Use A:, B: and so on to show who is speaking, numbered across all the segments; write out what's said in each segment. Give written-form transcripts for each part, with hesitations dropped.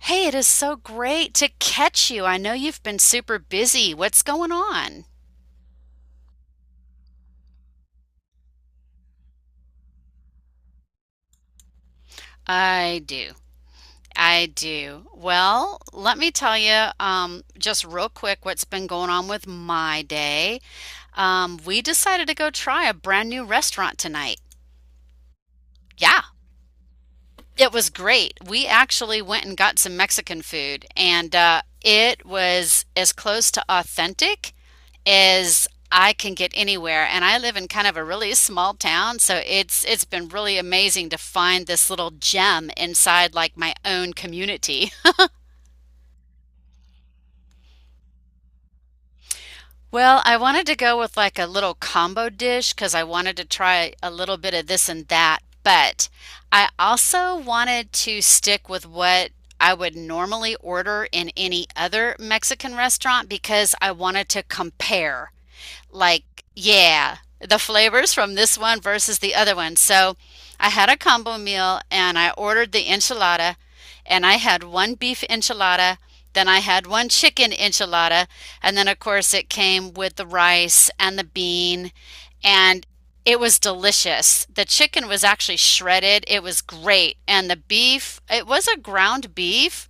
A: Hey, it is so great to catch you. I know you've been super busy. What's going on? I do. I do. Well, let me tell you just real quick what's been going on with my day. We decided to go try a brand new restaurant tonight. Yeah. It was great. We actually went and got some Mexican food, and it was as close to authentic as I can get anywhere. And I live in kind of a really small town, so it's been really amazing to find this little gem inside like my own community. Well, I wanted to go with like a little combo dish because I wanted to try a little bit of this and that, but I also wanted to stick with what I would normally order in any other Mexican restaurant because I wanted to compare like, yeah, the flavors from this one versus the other one. So I had a combo meal and I ordered the enchilada and I had one beef enchilada, then I had one chicken enchilada, and then of course it came with the rice and the bean and it was delicious. The chicken was actually shredded. It was great. And the beef, it was a ground beef,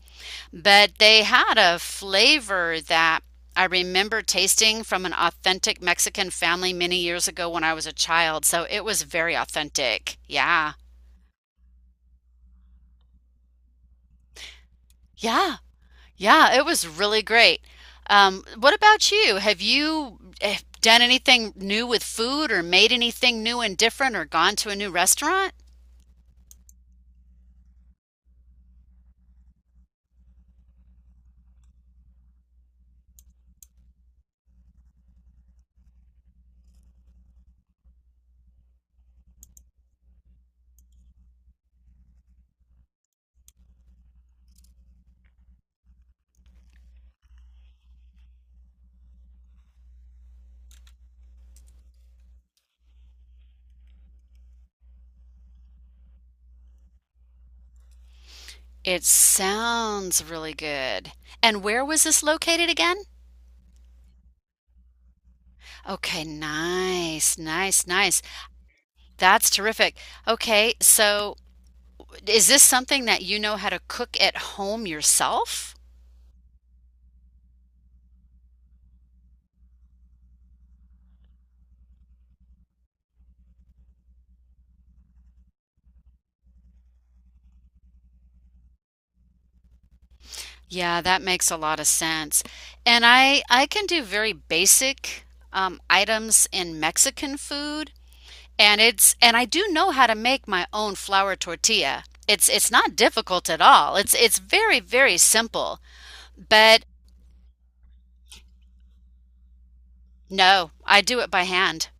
A: but they had a flavor that I remember tasting from an authentic Mexican family many years ago when I was a child. So it was very authentic. Yeah. Yeah. Yeah. It was really great. What about you? Have you done anything new with food or made anything new and different or gone to a new restaurant? It sounds really good. And where was this located again? Okay, nice, nice, nice. That's terrific. Okay, so is this something that you know how to cook at home yourself? Yeah, that makes a lot of sense. And I can do very basic items in Mexican food, and it's and I do know how to make my own flour tortilla. It's not difficult at all. It's very, very simple. But no, I do it by hand.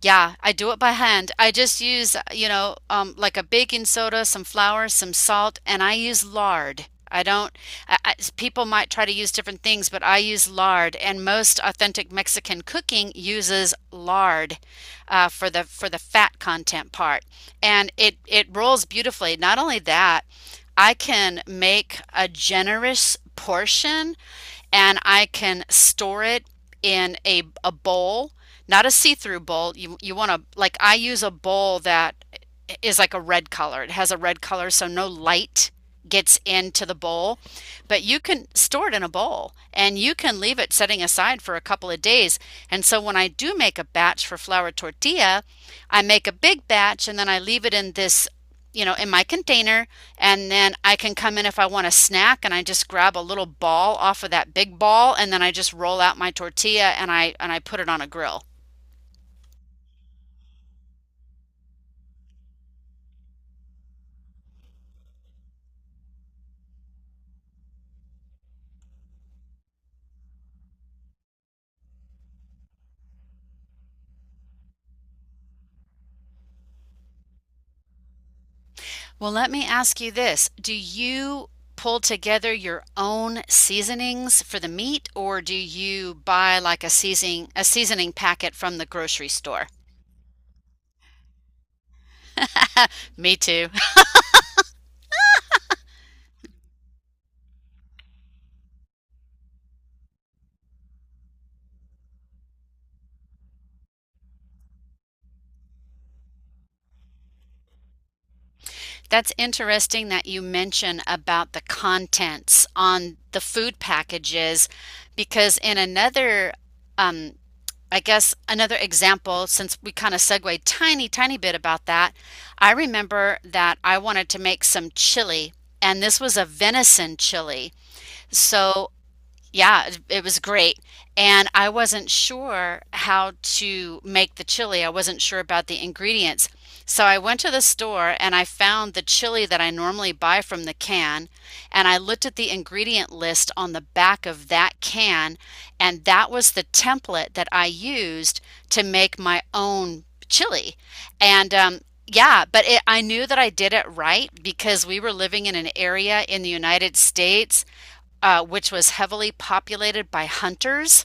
A: Yeah, I do it by hand. I just use, like a baking soda, some flour, some salt, and I use lard. I don't, I, people might try to use different things, but I use lard, and most authentic Mexican cooking uses lard for the fat content part, and it rolls beautifully. Not only that, I can make a generous portion and I can store it in a bowl, not a see-through bowl. You want to like I use a bowl that is like a red color. It has a red color, so no light gets into the bowl, but you can store it in a bowl and you can leave it setting aside for a couple of days. And so when I do make a batch for flour tortilla, I make a big batch and then I leave it in this, you know, in my container. And then I can come in if I want a snack and I just grab a little ball off of that big ball and then I just roll out my tortilla and I put it on a grill. Well, let me ask you this. Do you pull together your own seasonings for the meat, or do you buy like a seasoning packet from the grocery store? Me too. That's interesting that you mention about the contents on the food packages because in another um, I guess another example, since we kind of segued tiny, tiny bit about that, I remember that I wanted to make some chili, and this was a venison chili. So yeah, it was great. And I wasn't sure how to make the chili. I wasn't sure about the ingredients. So I went to the store and I found the chili that I normally buy from the can. And I looked at the ingredient list on the back of that can. And that was the template that I used to make my own chili. And yeah, but it, I knew that I did it right because we were living in an area in the United States which was heavily populated by hunters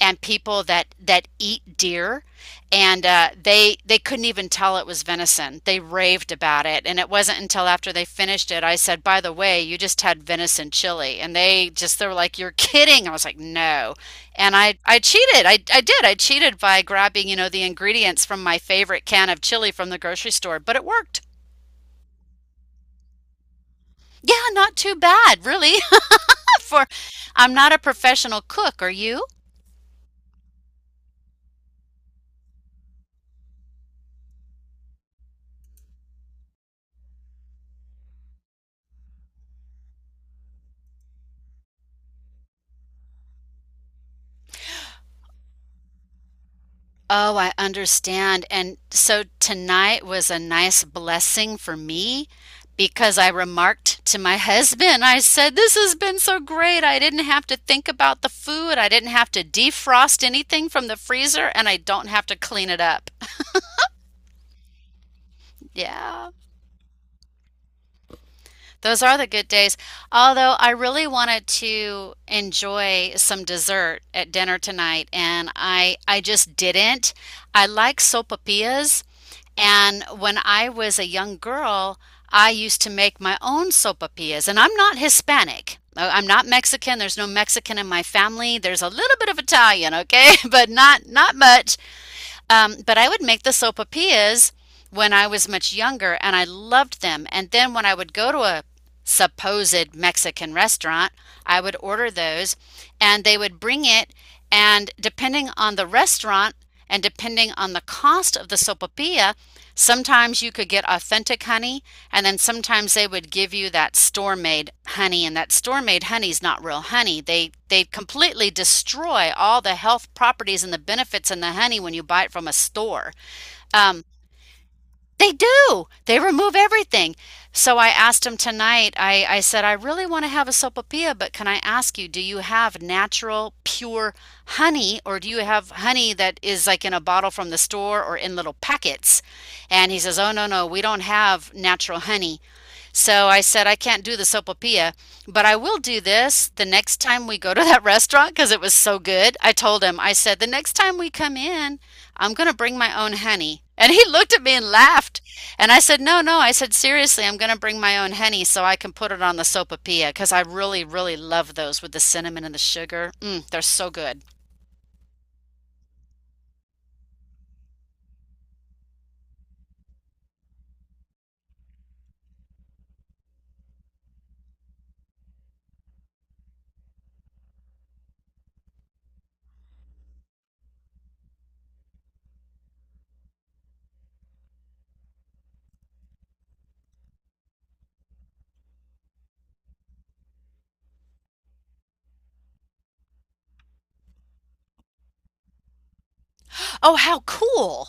A: and people that eat deer and they couldn't even tell it was venison. They raved about it, and it wasn't until after they finished it I said, by the way, you just had venison chili. And they just, they were like, you're kidding. I was like, no. And I did I cheated by grabbing, you know, the ingredients from my favorite can of chili from the grocery store, but it worked. Yeah, not too bad really. For, I'm not a professional cook, are you? Oh, I understand. And so tonight was a nice blessing for me because I remarked to my husband, I said, this has been so great. I didn't have to think about the food. I didn't have to defrost anything from the freezer, and I don't have to clean it up. Yeah. Those are the good days. Although I really wanted to enjoy some dessert at dinner tonight and I just didn't. I like sopapillas, and when I was a young girl, I used to make my own sopapillas, and I'm not Hispanic. I'm not Mexican. There's no Mexican in my family. There's a little bit of Italian, okay? But not much. But I would make the sopapillas when I was much younger and I loved them. And then when I would go to a supposed Mexican restaurant, I would order those and they would bring it. And depending on the restaurant and depending on the cost of the sopapilla, sometimes you could get authentic honey, and then sometimes they would give you that store-made honey, and that store-made honey is not real honey. They completely destroy all the health properties and the benefits in the honey when you buy it from a store. Um, they do. They remove everything. So I asked him tonight, I said, I really want to have a sopapilla, but can I ask you, do you have natural, pure honey, or do you have honey that is like in a bottle from the store or in little packets? And he says, oh, no, no, we don't have natural honey. So I said, I can't do the sopapilla, but I will do this the next time we go to that restaurant because it was so good. I told him, I said, the next time we come in, I'm going to bring my own honey. And he looked at me and laughed. And I said, no, no. I said, seriously, I'm going to bring my own honey so I can put it on the sopapilla because I really, really love those with the cinnamon and the sugar. Mm, they're so good. Oh, how cool.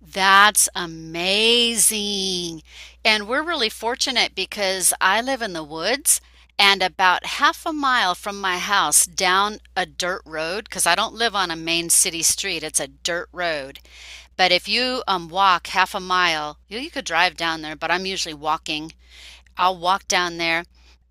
A: That's amazing. And we're really fortunate because I live in the woods and about half a mile from my house down a dirt road, because I don't live on a main city street, it's a dirt road. But if you walk half a mile, you could drive down there, but I'm usually walking. I'll walk down there.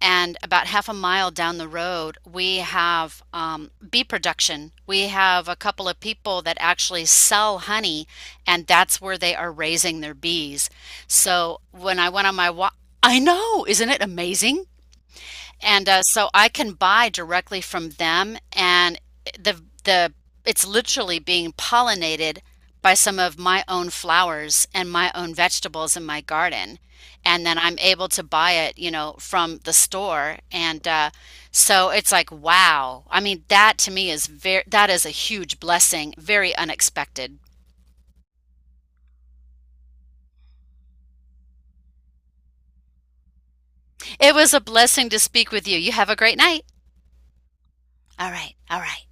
A: And about half a mile down the road, we have bee production. We have a couple of people that actually sell honey, and that's where they are raising their bees. So when I went on my walk, I know, isn't it amazing? And so I can buy directly from them, and the it's literally being pollinated by some of my own flowers and my own vegetables in my garden. And then I'm able to buy it, you know, from the store. And so it's like, wow. I mean, that to me is very, that is a huge blessing, very unexpected. It was a blessing to speak with you. You have a great night. All right. All right.